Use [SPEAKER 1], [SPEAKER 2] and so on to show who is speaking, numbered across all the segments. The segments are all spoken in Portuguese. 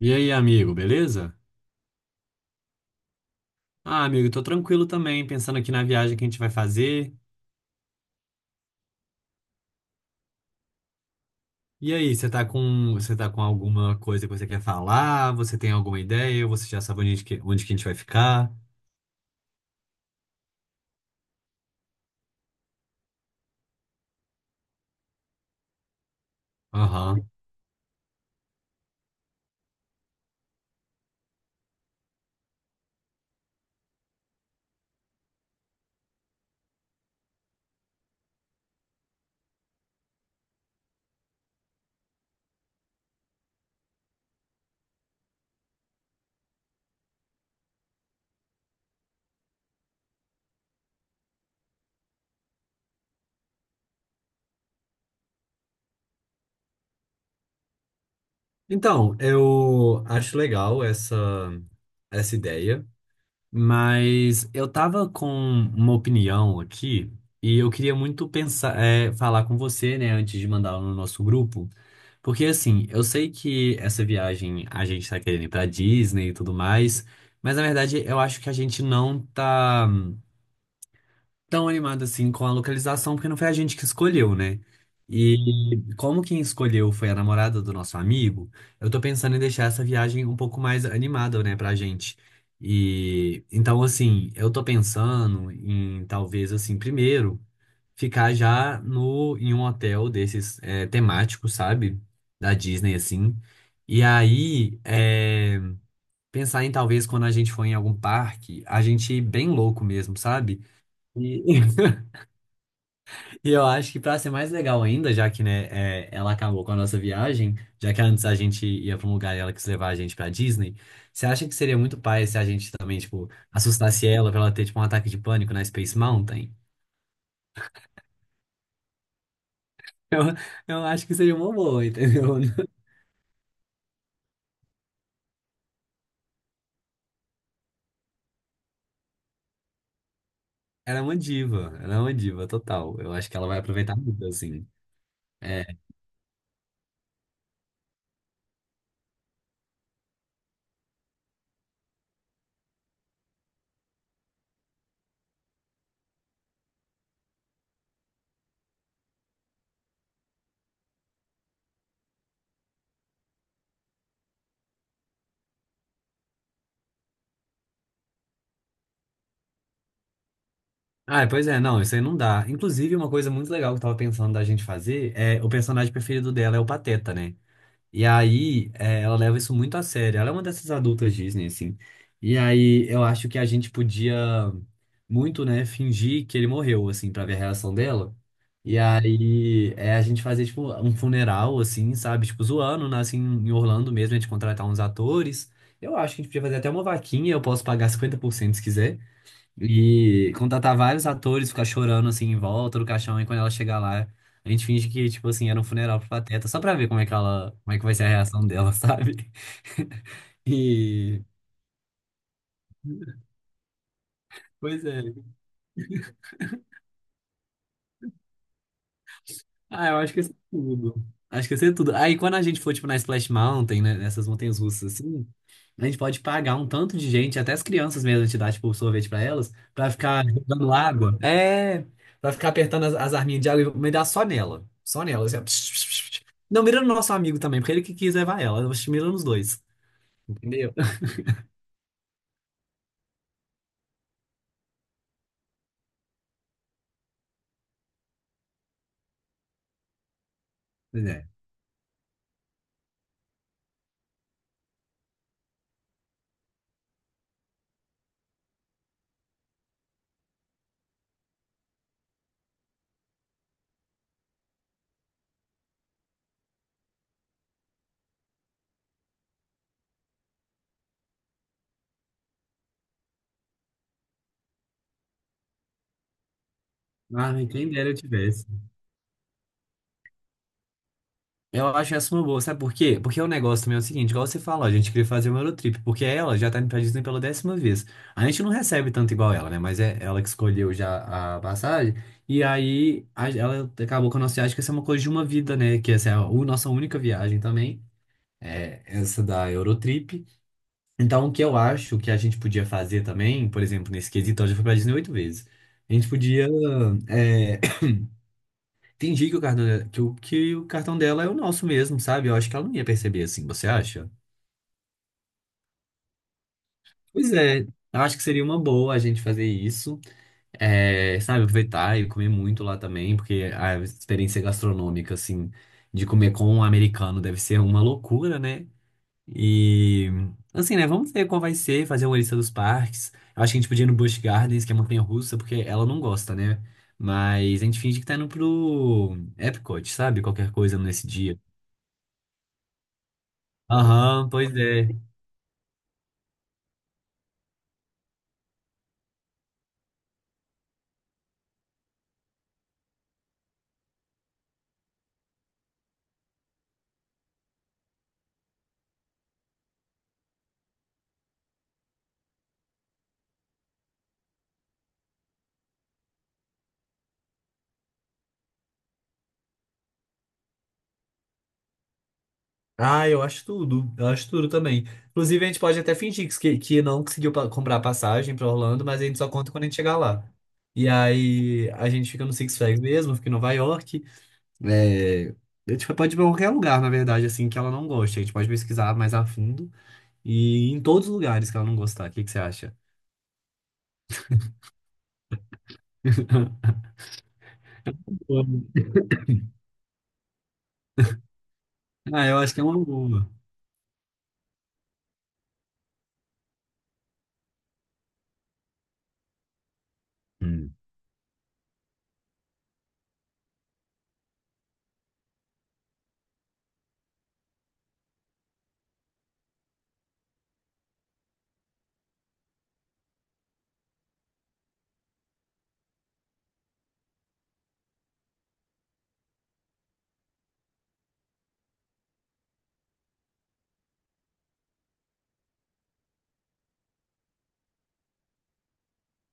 [SPEAKER 1] E aí, amigo, beleza? Ah, amigo, tô tranquilo também, pensando aqui na viagem que a gente vai fazer. E aí, você tá com alguma coisa que você quer falar? Você tem alguma ideia? Você já sabe onde que a gente vai ficar? Aham. Então, eu acho legal essa ideia, mas eu tava com uma opinião aqui e eu queria muito pensar, falar com você, né, antes de mandar no nosso grupo. Porque assim, eu sei que essa viagem a gente tá querendo ir pra Disney e tudo mais, mas na verdade eu acho que a gente não tá tão animado assim com a localização, porque não foi a gente que escolheu, né? E como quem escolheu foi a namorada do nosso amigo, eu tô pensando em deixar essa viagem um pouco mais animada, né, pra gente. E então assim, eu tô pensando em talvez assim, primeiro ficar já no em um hotel desses temáticos, sabe? Da Disney, assim. E aí, pensar em talvez quando a gente for em algum parque, a gente ir bem louco mesmo, sabe? E, e eu acho que pra ser mais legal ainda, já que, né, ela acabou com a nossa viagem, já que antes a gente ia pra um lugar e ela quis levar a gente pra Disney, você acha que seria muito pai se a gente também, tipo, assustasse ela pra ela ter, tipo, um ataque de pânico na Space Mountain? Eu, eu acho que seria uma boa, entendeu? Ela é uma diva, ela é uma diva total. Eu acho que ela vai aproveitar muito, assim. É. Ah, pois é, não, isso aí não dá. Inclusive, uma coisa muito legal que eu tava pensando da gente fazer é o personagem preferido dela é o Pateta, né? E aí, ela leva isso muito a sério. Ela é uma dessas adultas Disney, assim. E aí, eu acho que a gente podia muito, né, fingir que ele morreu, assim, pra ver a reação dela. E aí, a gente fazer, tipo, um funeral, assim, sabe? Tipo, zoando, né, assim, em Orlando mesmo, a gente contratar uns atores. Eu acho que a gente podia fazer até uma vaquinha, eu posso pagar 50% se quiser. E contratar vários atores, ficar chorando assim em volta do caixão, e quando ela chegar lá, a gente finge que, tipo assim, era um funeral pro Pateta, só pra ver como é que vai ser a reação dela, sabe? E. Pois é. Ah, eu acho que ia ser tudo. Acho que ia ser tudo. Aí quando a gente for, tipo, na Splash Mountain, né, nessas montanhas russas, assim, a gente pode pagar um tanto de gente, até as crianças mesmo, a gente dá, tipo, sorvete pra elas, pra ficar jogando água. É, pra ficar apertando as arminhas de água e me dar só nela. Só nela, assim, ó. Não, mira no nosso amigo também, porque ele que quis levar ela. Eu acho que mira nos dois, entendeu? Pois é. Ah, quem dera eu tivesse. Eu acho essa uma boa, sabe por quê? Porque o negócio também é o seguinte, igual você falou, a gente queria fazer uma Eurotrip, porque ela já tá indo pra Disney pela décima vez. A gente não recebe tanto igual ela, né? Mas é ela que escolheu já a passagem, e aí ela acabou com a nossa viagem, que essa é uma coisa de uma vida, né? Que essa é nossa única viagem também, é essa da Eurotrip. Então, o que eu acho que a gente podia fazer também, por exemplo, nesse quesito, ela já foi pra Disney oito vezes. A gente podia é, entendi que o cartão dela é o nosso mesmo, sabe? Eu acho que ela não ia perceber assim, você acha? Pois é, eu acho que seria uma boa a gente fazer isso, sabe? Aproveitar e comer muito lá também, porque a experiência gastronômica, assim, de comer com um americano deve ser uma loucura, né? E, assim, né? Vamos ver qual vai ser, fazer uma lista dos parques. Eu acho que a gente podia ir no Busch Gardens, que é montanha-russa, porque ela não gosta, né? Mas a gente finge que tá indo pro Epcot, sabe? Qualquer coisa nesse dia. Aham, pois é. Ah, eu acho tudo. Eu acho tudo também. Inclusive, a gente pode até fingir que não conseguiu comprar passagem pra Orlando, mas a gente só conta quando a gente chegar lá. E aí, a gente fica no Six Flags mesmo, fica em Nova York. É, a gente pode ir pra qualquer lugar, na verdade, assim, que ela não goste. A gente pode pesquisar mais a fundo e ir em todos os lugares que ela não gostar. O que que você acha? Amo. Ah, eu acho que é uma boa. Hum.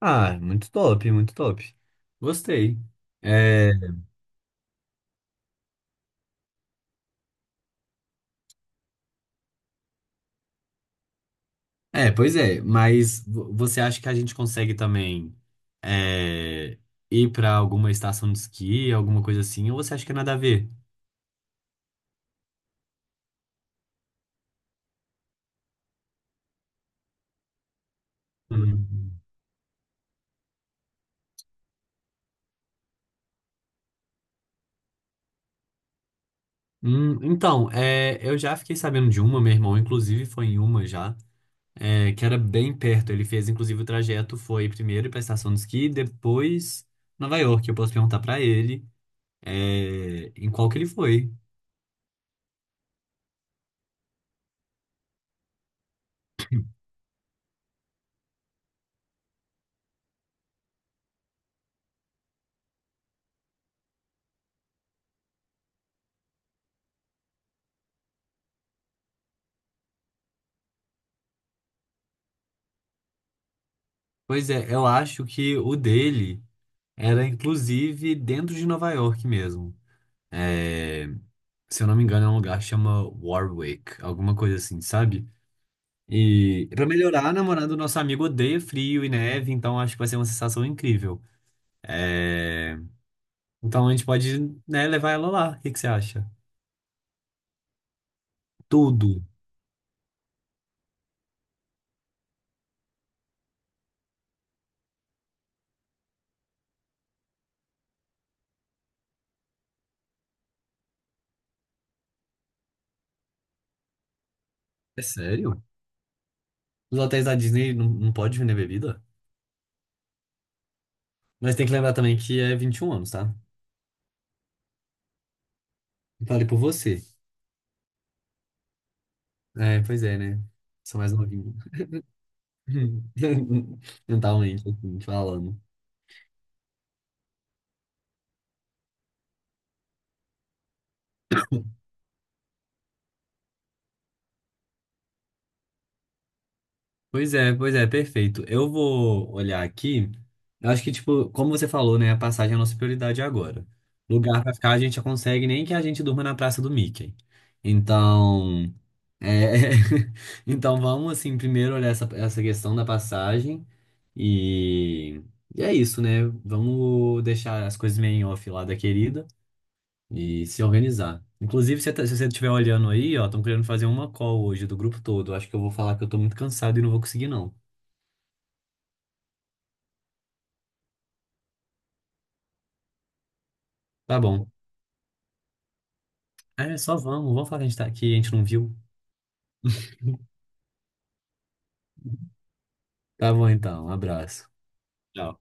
[SPEAKER 1] Ah, muito top, muito top. Gostei. É, é, pois é, mas você acha que a gente consegue também é, ir pra alguma estação de esqui, alguma coisa assim, ou você acha que é nada a ver? Hum. Então, eu já fiquei sabendo de uma, meu irmão, inclusive foi em uma já, que era bem perto. Ele fez, inclusive, o trajeto foi primeiro pra estação de esqui, depois Nova York. Eu posso perguntar pra ele em qual que ele foi. Pois é, eu acho que o dele era, inclusive, dentro de Nova York mesmo. É, se eu não me engano, é um lugar que chama Warwick, alguma coisa assim, sabe? E pra melhorar, a namorada do nosso amigo odeia frio e neve, então acho que vai ser uma sensação incrível. É, então a gente pode, né, levar ela lá. O que que você acha? Tudo. É sério? Os hotéis da Disney não, não pode vender bebida? Mas tem que lembrar também que é 21 anos, tá? Falei por você. É, pois é, né? Sou mais novinho. Mentalmente, assim, falando. Pois é, perfeito. Eu vou olhar aqui. Eu acho que, tipo, como você falou, né? A passagem é a nossa prioridade agora. Lugar pra ficar a gente já consegue, nem que a gente durma na Praça do Mickey. Então, é... então vamos, assim, primeiro olhar essa questão da passagem. E... e é isso, né? Vamos deixar as coisas meio em off lá da querida e se organizar. Inclusive, se você estiver olhando aí, ó, estão querendo fazer uma call hoje do grupo todo. Eu acho que eu vou falar que eu tô muito cansado e não vou conseguir, não. Tá bom. É, só vamos. Vamos falar que a gente tá aqui, a gente não viu. Tá bom então. Um abraço. Tchau.